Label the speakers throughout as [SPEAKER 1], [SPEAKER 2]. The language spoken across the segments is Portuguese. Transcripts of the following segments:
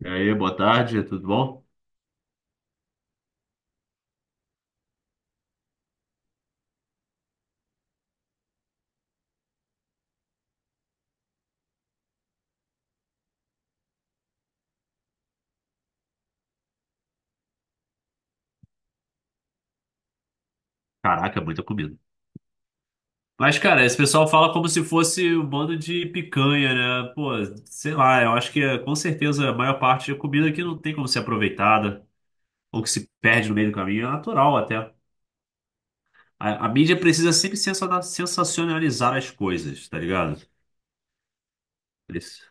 [SPEAKER 1] E aí, boa tarde, tudo bom? Caraca, muita comida. Mas, cara, esse pessoal fala como se fosse um bando de picanha, né? Pô, sei lá, eu acho que com certeza a maior parte da comida aqui não tem como ser aproveitada, ou que se perde no meio do caminho, é natural até. A mídia precisa sempre sensacionalizar as coisas, tá ligado? Isso.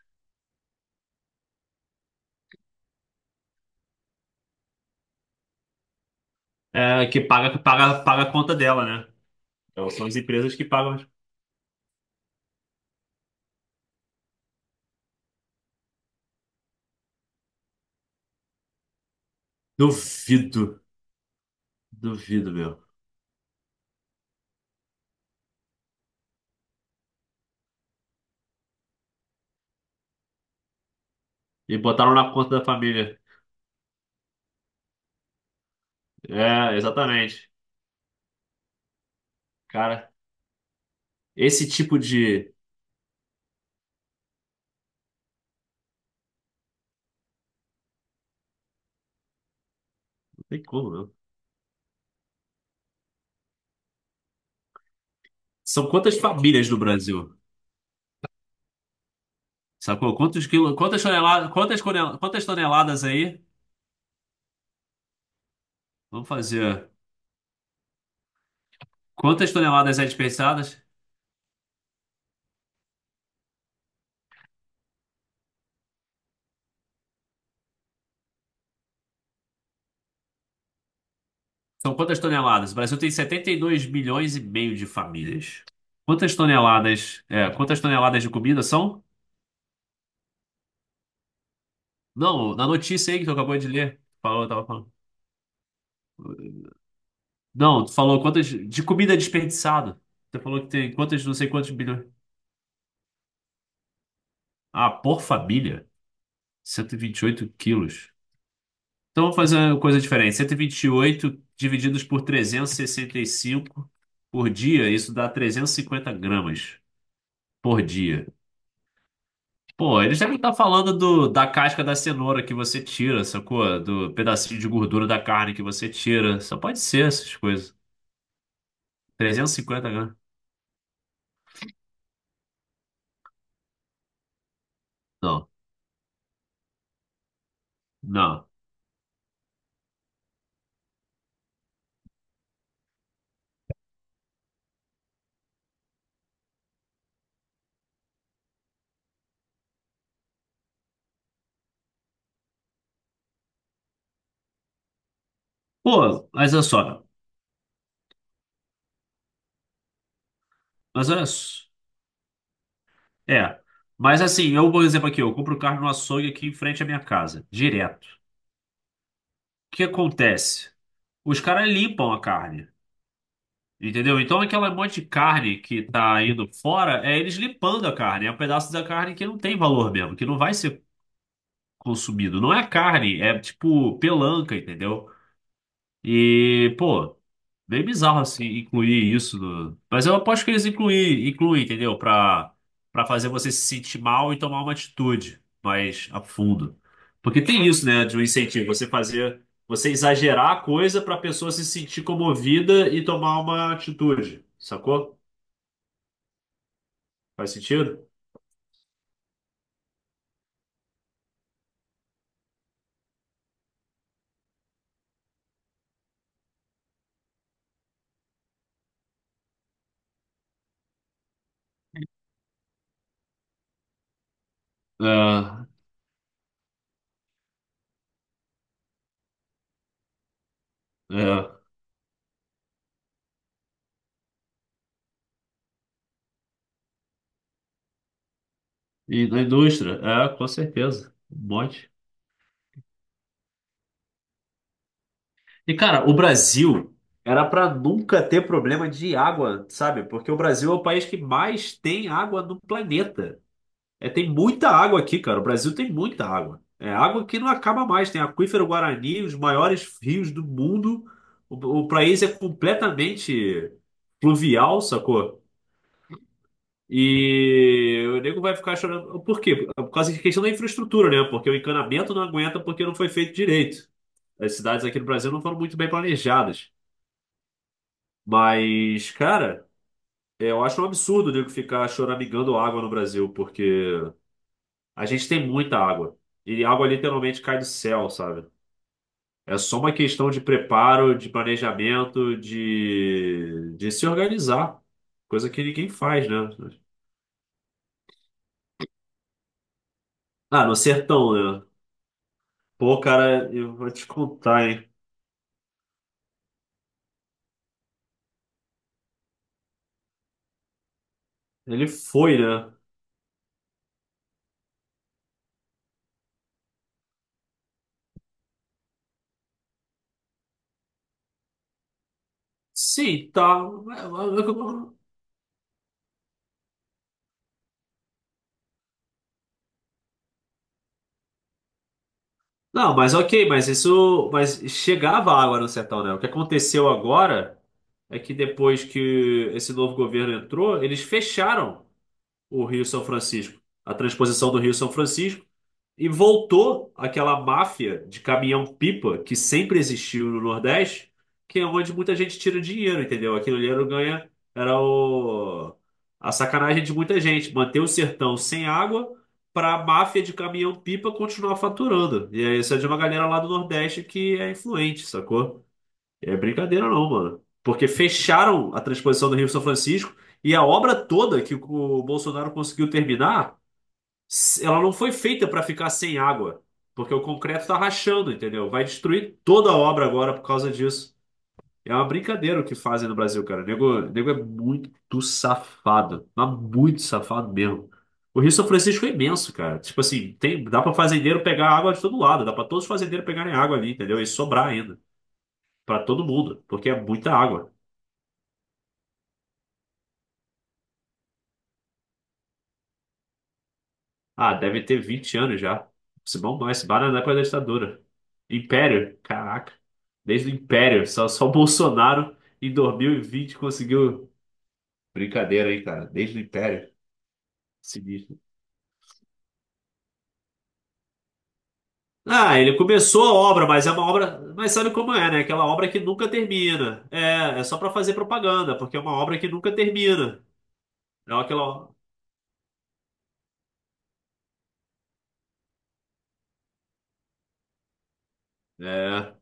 [SPEAKER 1] É, que paga, paga, paga a conta dela, né? Então, são as empresas que pagam. Duvido, duvido, meu. E botaram na conta da família. É, exatamente. Cara. Esse tipo de. Não tem como, não. São quantas famílias no Brasil? Sacou? Quantos quilos quantas toneladas... quantas toneladas aí? Vamos fazer. Quantas toneladas é desperdiçadas. São quantas toneladas? O Brasil tem 72,5 milhões de famílias. Quantas toneladas? É, quantas toneladas de comida são? Não, na notícia aí que tu acabou de ler. Falou, tava falando. Não, tu falou quantas. De comida desperdiçada. Tu falou que tem quantas, não sei quantos bilhões. Ah, por família? Cento e vinte e oito quilos. Então, vamos fazer uma coisa diferente. Cento e vinte e oito divididos por trezentos e sessenta e cinco por dia, isso dá 350 gramas por dia. Pô, eles devem estar falando do, da casca da cenoura que você tira, sacou? Do pedacinho de gordura da carne que você tira. Só pode ser essas coisas. 350 gramas. Não, não. Pô, mas olha só. Mas olha só. É. Mas assim, eu, por exemplo, aqui, eu compro carne no açougue aqui em frente à minha casa, direto. O que acontece? Os caras limpam a carne. Entendeu? Então, aquela monte de carne que tá indo fora, é eles limpando a carne. É um pedaço da carne que não tem valor mesmo, que não vai ser consumido. Não é carne, é tipo pelanca, entendeu? E, pô, bem bizarro assim incluir isso. Mas eu aposto que eles incluem, incluem, entendeu? Pra fazer você se sentir mal e tomar uma atitude mais a fundo. Porque tem isso, né, de um incentivo, você fazer, você exagerar a coisa pra pessoa se sentir comovida e tomar uma atitude, sacou? Faz sentido? É, é. E na indústria, é, com certeza. Um monte. E, cara, o Brasil era para nunca ter problema de água, sabe? Porque o Brasil é o país que mais tem água no planeta. É, tem muita água aqui, cara. O Brasil tem muita água. É água que não acaba mais. Tem aquífero Guarani, os maiores rios do mundo. O, o país é completamente fluvial, sacou? E o nego vai ficar chorando. Por quê? Por causa da questão da infraestrutura, né? Porque o encanamento não aguenta porque não foi feito direito. As cidades aqui no Brasil não foram muito bem planejadas. Mas, cara, eu acho um absurdo o nego ficar choramingando água no Brasil, porque a gente tem muita água. E água literalmente cai do céu, sabe? É só uma questão de preparo, de planejamento, de se organizar. Coisa que ninguém faz, né? Ah, no sertão, né? Pô, cara, eu vou te contar, hein? Ele foi, né? Sim, tá. Não, mas ok, mas isso. Mas chegava água no sertão, né? O que aconteceu agora é que depois que esse novo governo entrou, eles fecharam o Rio São Francisco. A transposição do Rio São Francisco. E voltou aquela máfia de caminhão-pipa que sempre existiu no Nordeste, que é onde muita gente tira dinheiro, entendeu? Aquilo ali era o ganha, era o, a sacanagem de muita gente, manter o sertão sem água para a máfia de caminhão-pipa continuar faturando. E aí, isso é de uma galera lá do Nordeste que é influente, sacou? É brincadeira não, mano. Porque fecharam a transposição do Rio São Francisco e a obra toda que o Bolsonaro conseguiu terminar ela não foi feita para ficar sem água, porque o concreto tá rachando, entendeu? Vai destruir toda a obra agora por causa disso. É uma brincadeira o que fazem no Brasil, cara. O nego é muito safado, mas muito safado mesmo. O Rio São Francisco é imenso, cara. Tipo assim, tem, dá para fazendeiro pegar água de todo lado, dá para todos os fazendeiros pegarem água ali, entendeu? E sobrar ainda, para todo mundo, porque é muita água. Ah, deve ter 20 anos já. Se bombou, esse bar era da época da ditadura. Império? Caraca. Desde o Império. Só o Bolsonaro em 2020 conseguiu. Brincadeira aí, cara. Desde o Império. Sinistro. Ah, ele começou a obra, mas é uma obra. Mas sabe como é, né? Aquela obra que nunca termina. É, é só pra fazer propaganda, porque é uma obra que nunca termina. É aquela. É,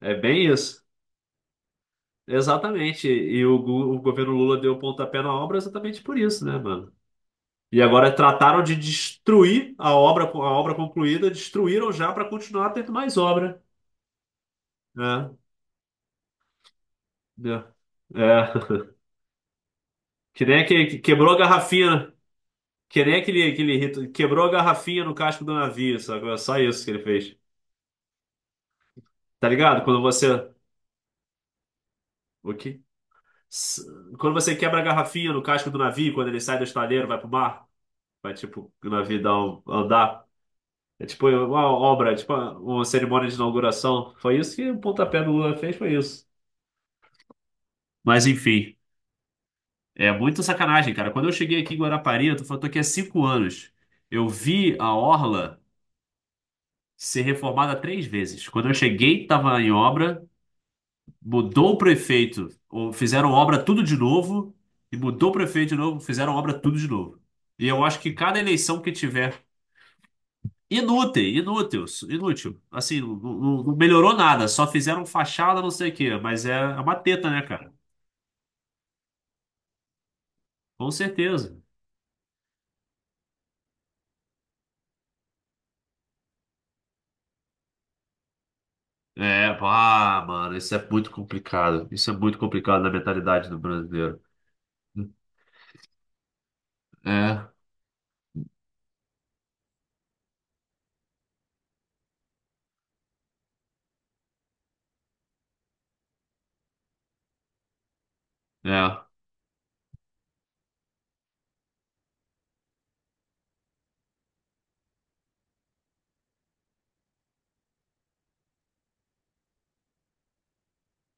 [SPEAKER 1] é bem isso. Exatamente. E o governo Lula deu o pontapé na obra exatamente por isso, né, mano? E agora trataram de destruir a obra concluída, destruíram já para continuar tendo mais obra. É, é, é. Que nem aquele que quebrou a garrafinha, né? Que nem aquele, aquele rito, quebrou a garrafinha no casco do navio, sabe? É só isso que ele fez. Tá ligado? Quando você. O quê? S- Quando você quebra a garrafinha no casco do navio, quando ele sai do estaleiro, vai pro mar, vai tipo, o navio dá um, andar. É tipo uma obra, tipo uma cerimônia de inauguração. Foi isso que o pontapé do Lula fez, foi isso. Mas enfim. É muita sacanagem, cara. Quando eu cheguei aqui em Guarapari, eu tô falando, tô aqui há 5 anos. Eu vi a orla ser reformada três vezes. Quando eu cheguei, tava em obra, mudou o prefeito, ou fizeram obra tudo de novo, e mudou o prefeito de novo, fizeram obra tudo de novo. E eu acho que cada eleição que tiver, inútil, inútil, inútil. Assim, não, não melhorou nada, só fizeram fachada, não sei o quê, mas é é uma teta, né, cara? Com certeza. É, ah, mano, isso é muito complicado. Isso é muito complicado na mentalidade do brasileiro. É, é,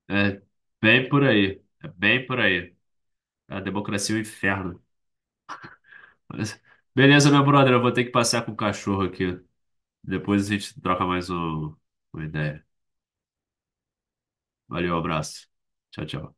[SPEAKER 1] é bem por aí. É bem por aí. A democracia é um inferno. Mas- Beleza, meu brother, eu vou ter que passear com o cachorro aqui. Depois a gente troca mais uma ideia. Valeu, abraço. Tchau, tchau.